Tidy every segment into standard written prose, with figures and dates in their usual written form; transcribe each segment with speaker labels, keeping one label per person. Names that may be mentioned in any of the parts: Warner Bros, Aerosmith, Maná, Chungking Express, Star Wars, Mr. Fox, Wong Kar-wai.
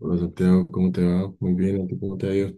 Speaker 1: Hola Santiago, ¿cómo te va? Muy bien, ¿a ti cómo te ha ido?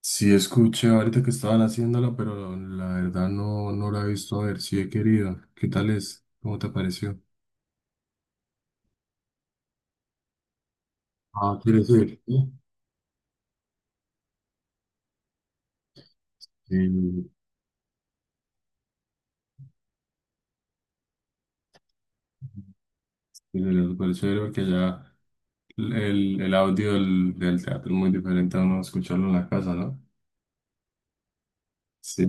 Speaker 1: Sí, escuché ahorita que estaban haciéndola, pero la verdad no, no la he visto. A ver, si he querido. ¿Qué tal es? ¿Cómo te pareció? Ah, ¿quieres ir? Sí, sí, sí, me pareció ver porque ya el audio del teatro es muy diferente a uno escucharlo en la casa, ¿no? Sí.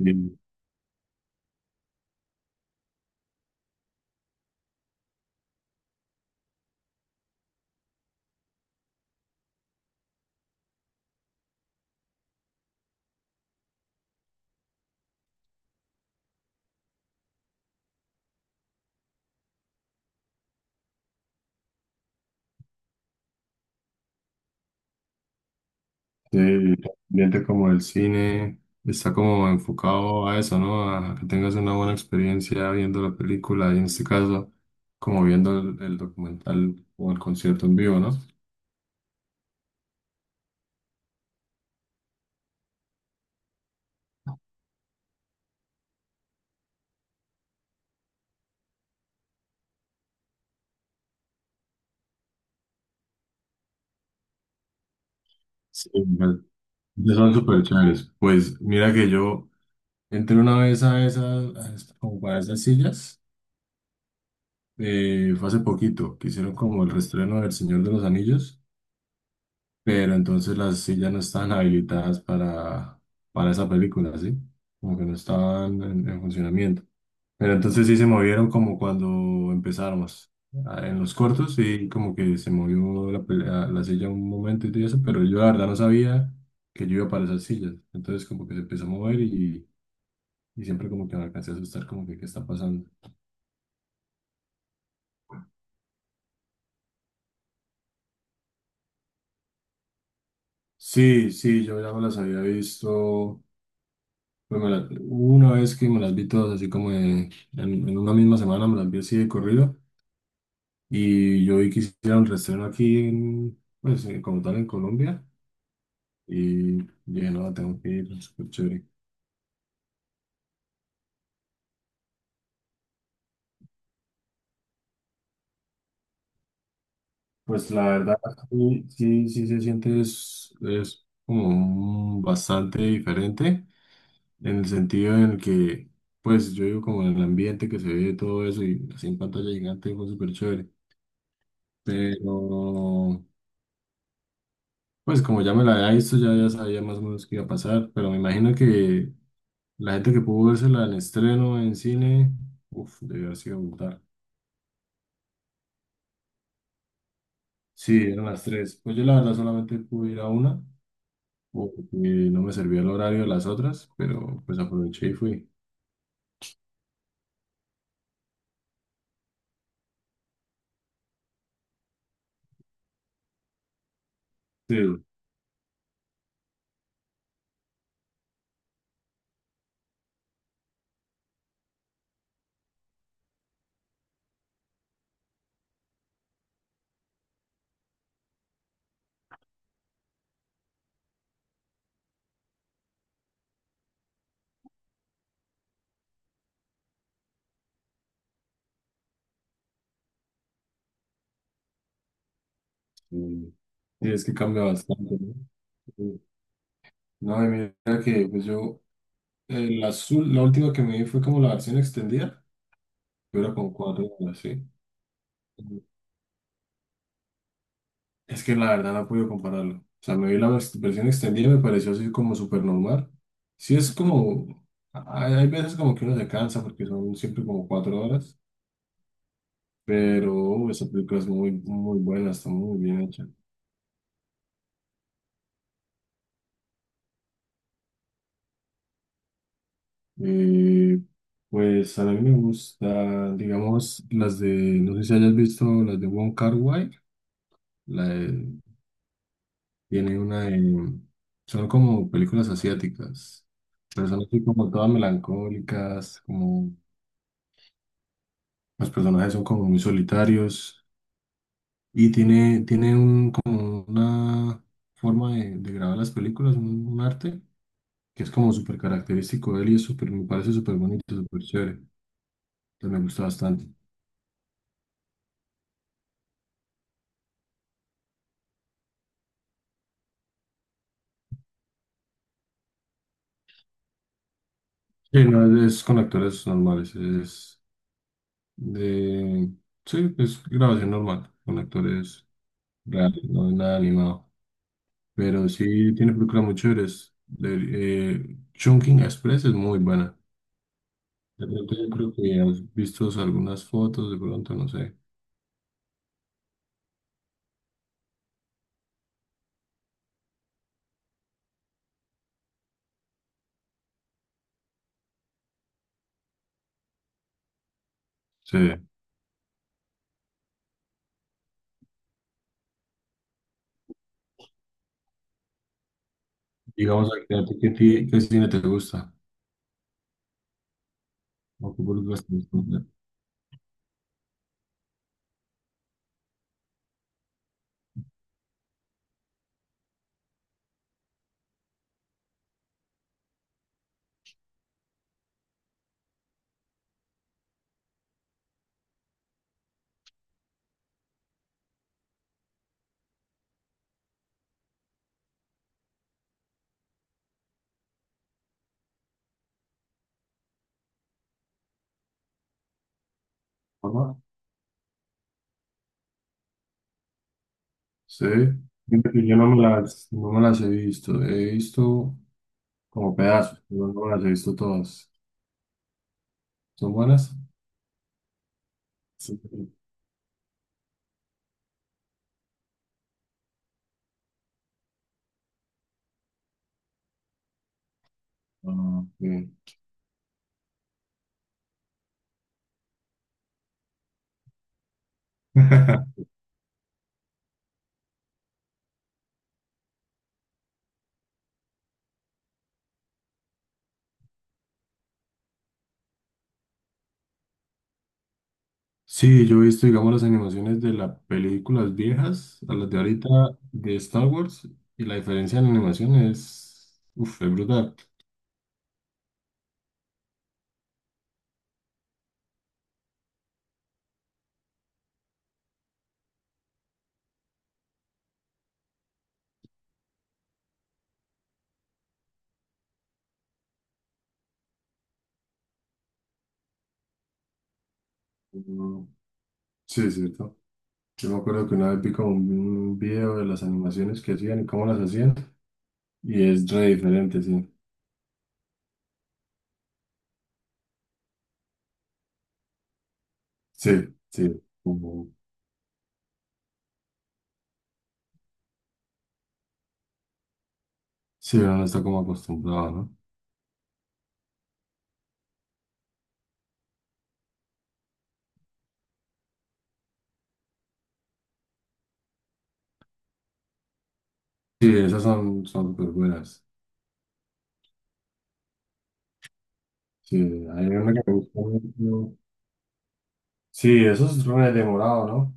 Speaker 1: Sí, el ambiente como el cine está como enfocado a eso, ¿no? A que tengas una buena experiencia viendo la película y en este caso como viendo el documental o el concierto en vivo, ¿no? Sí, me- ya son súper chéveres. Pues mira que yo entré una vez a esas, como para esas sillas, fue hace poquito, que hicieron como el reestreno del Señor de los Anillos. Pero entonces las sillas no estaban habilitadas para esa película, ¿sí? Como que no estaban en funcionamiento. Pero entonces sí se movieron como cuando empezáramos, en los cortos y como que se movió la silla un momento y todo eso, pero yo la verdad no sabía que yo iba para esas sillas. Entonces como que se empezó a mover y siempre como que me alcancé a asustar como que qué está pasando. Sí, sí, yo ya me las había visto. Pues hubo una vez que me las vi todas así como en una misma semana, me las vi así de corrido. Y yo vi que hicieron reestreno aquí, pues como tal en Colombia y dije, no, tengo que ir, súper chévere. Pues la verdad, sí, sí, sí se siente es como bastante diferente en el sentido en el que, pues yo digo como en el ambiente que se ve todo eso y así en pantalla gigante fue súper chévere, pero... Pues como ya me la había visto, ya sabía más o menos qué iba a pasar, pero me imagino que la gente que pudo vérsela en estreno, en cine, uff, debió haber sido brutal. Sí, eran las tres. Pues yo la verdad solamente pude ir a una, porque no me servía el horario de las otras, pero pues aproveché y fui. Sí, sí, sí, es que cambia bastante, ¿no? Sí. No, y mira que pues yo, el azul, la última que me vi fue como la versión extendida, pero con 4 horas, sí. Es que la verdad no puedo compararlo. O sea, me vi la versión extendida y me pareció así como súper normal. Sí, es como. Hay veces como que uno se cansa porque son siempre como 4 horas. Pero esa película es muy, muy buena, está muy bien hecha. Eh, pues a mí me gusta, digamos, las de. No sé si hayas visto las de Wong Kar-wai. La de- Tiene una. Son como películas asiáticas. Pero son así como todas melancólicas, como los personajes son como muy solitarios y tiene un, como una forma de grabar las películas, un arte que es como súper característico de él y es súper, me parece súper bonito, súper chévere. Entonces, me gusta bastante. Sí, no es con actores normales, es de... Sí, es grabación normal, con actores reales, no es nada animado. Pero sí tiene películas muy chéveres. De, Chungking Express es muy buena. De pronto yo creo que has visto algunas fotos, de pronto, no sé. Sí. Digamos, ¿a ti qué cine te gusta? ¿O qué películas te gustan? ¿De forma? Sí. Fíjate que yo no me las, no me las he visto. He visto como pedazos, pero no me las he visto todas. ¿Son buenas? Sí. Ah, bien. Sí, yo he visto, digamos, las animaciones de las películas viejas a las de ahorita de Star Wars y la diferencia en animación es, uf, es brutal. Sí, es cierto. Yo me acuerdo que una vez vi como un video de las animaciones que hacían y cómo las hacían. Y es re diferente, sí. Sí, sí. Sí, uno no está como acostumbrado, ¿no? Sí, esas son súper buenas. Sí, hay una que me gusta mucho. Sí, eso es re demorado, ¿no?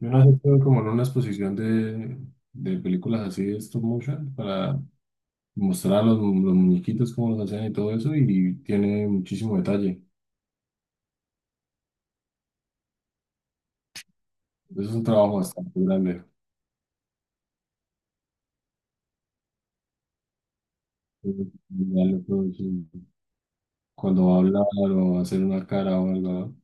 Speaker 1: Yo una vez estuve como en una exposición de películas así de stop motion para mostrar a los muñequitos cómo los hacían y todo eso. Y tiene muchísimo detalle. Eso es un trabajo bastante grande. Ya lo produce. Cuando va a hablar o va a hacer una cara o algo.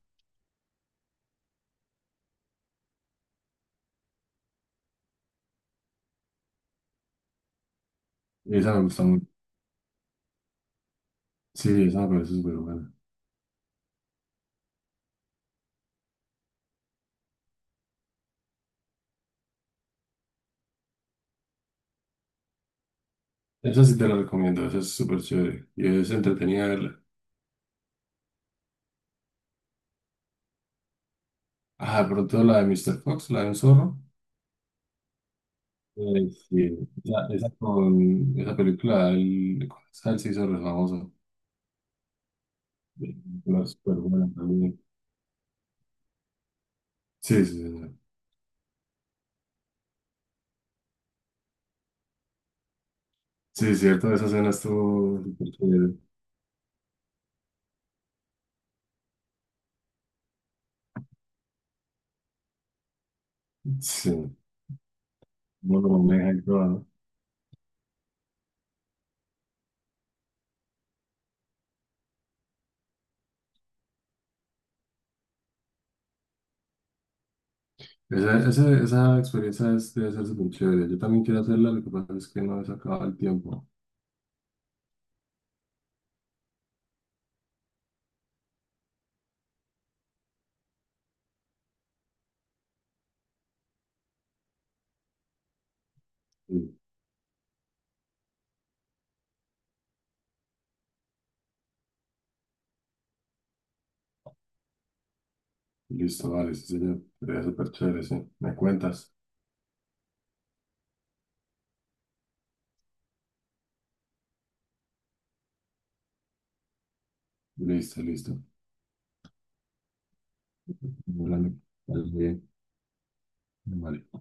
Speaker 1: ¿No? Esa me gusta mucho. Sí, sí, esa me parece súper buena. Esa sí te la recomiendo, esa es súper chévere. Y es entretenida verla. Ah, de pronto la de Mr. Fox, la de un zorro. Sí, esa con esa película, con esa se hizo re famoso. Eh, Una súper buena también. Sí, sí, sí. Sí. Sí, cierto, esa escena estuvo súper chévere. Sí, bueno, me deja. Esa experiencia debe ser súper chévere. Yo también quiero hacerla, lo que pasa es que no he sacado el tiempo. Sí. Listo, vale, sí, señor. Debe ser súper chévere, sí. ¿Me cuentas? Listo, listo. Bueno, vale, bien. Vale.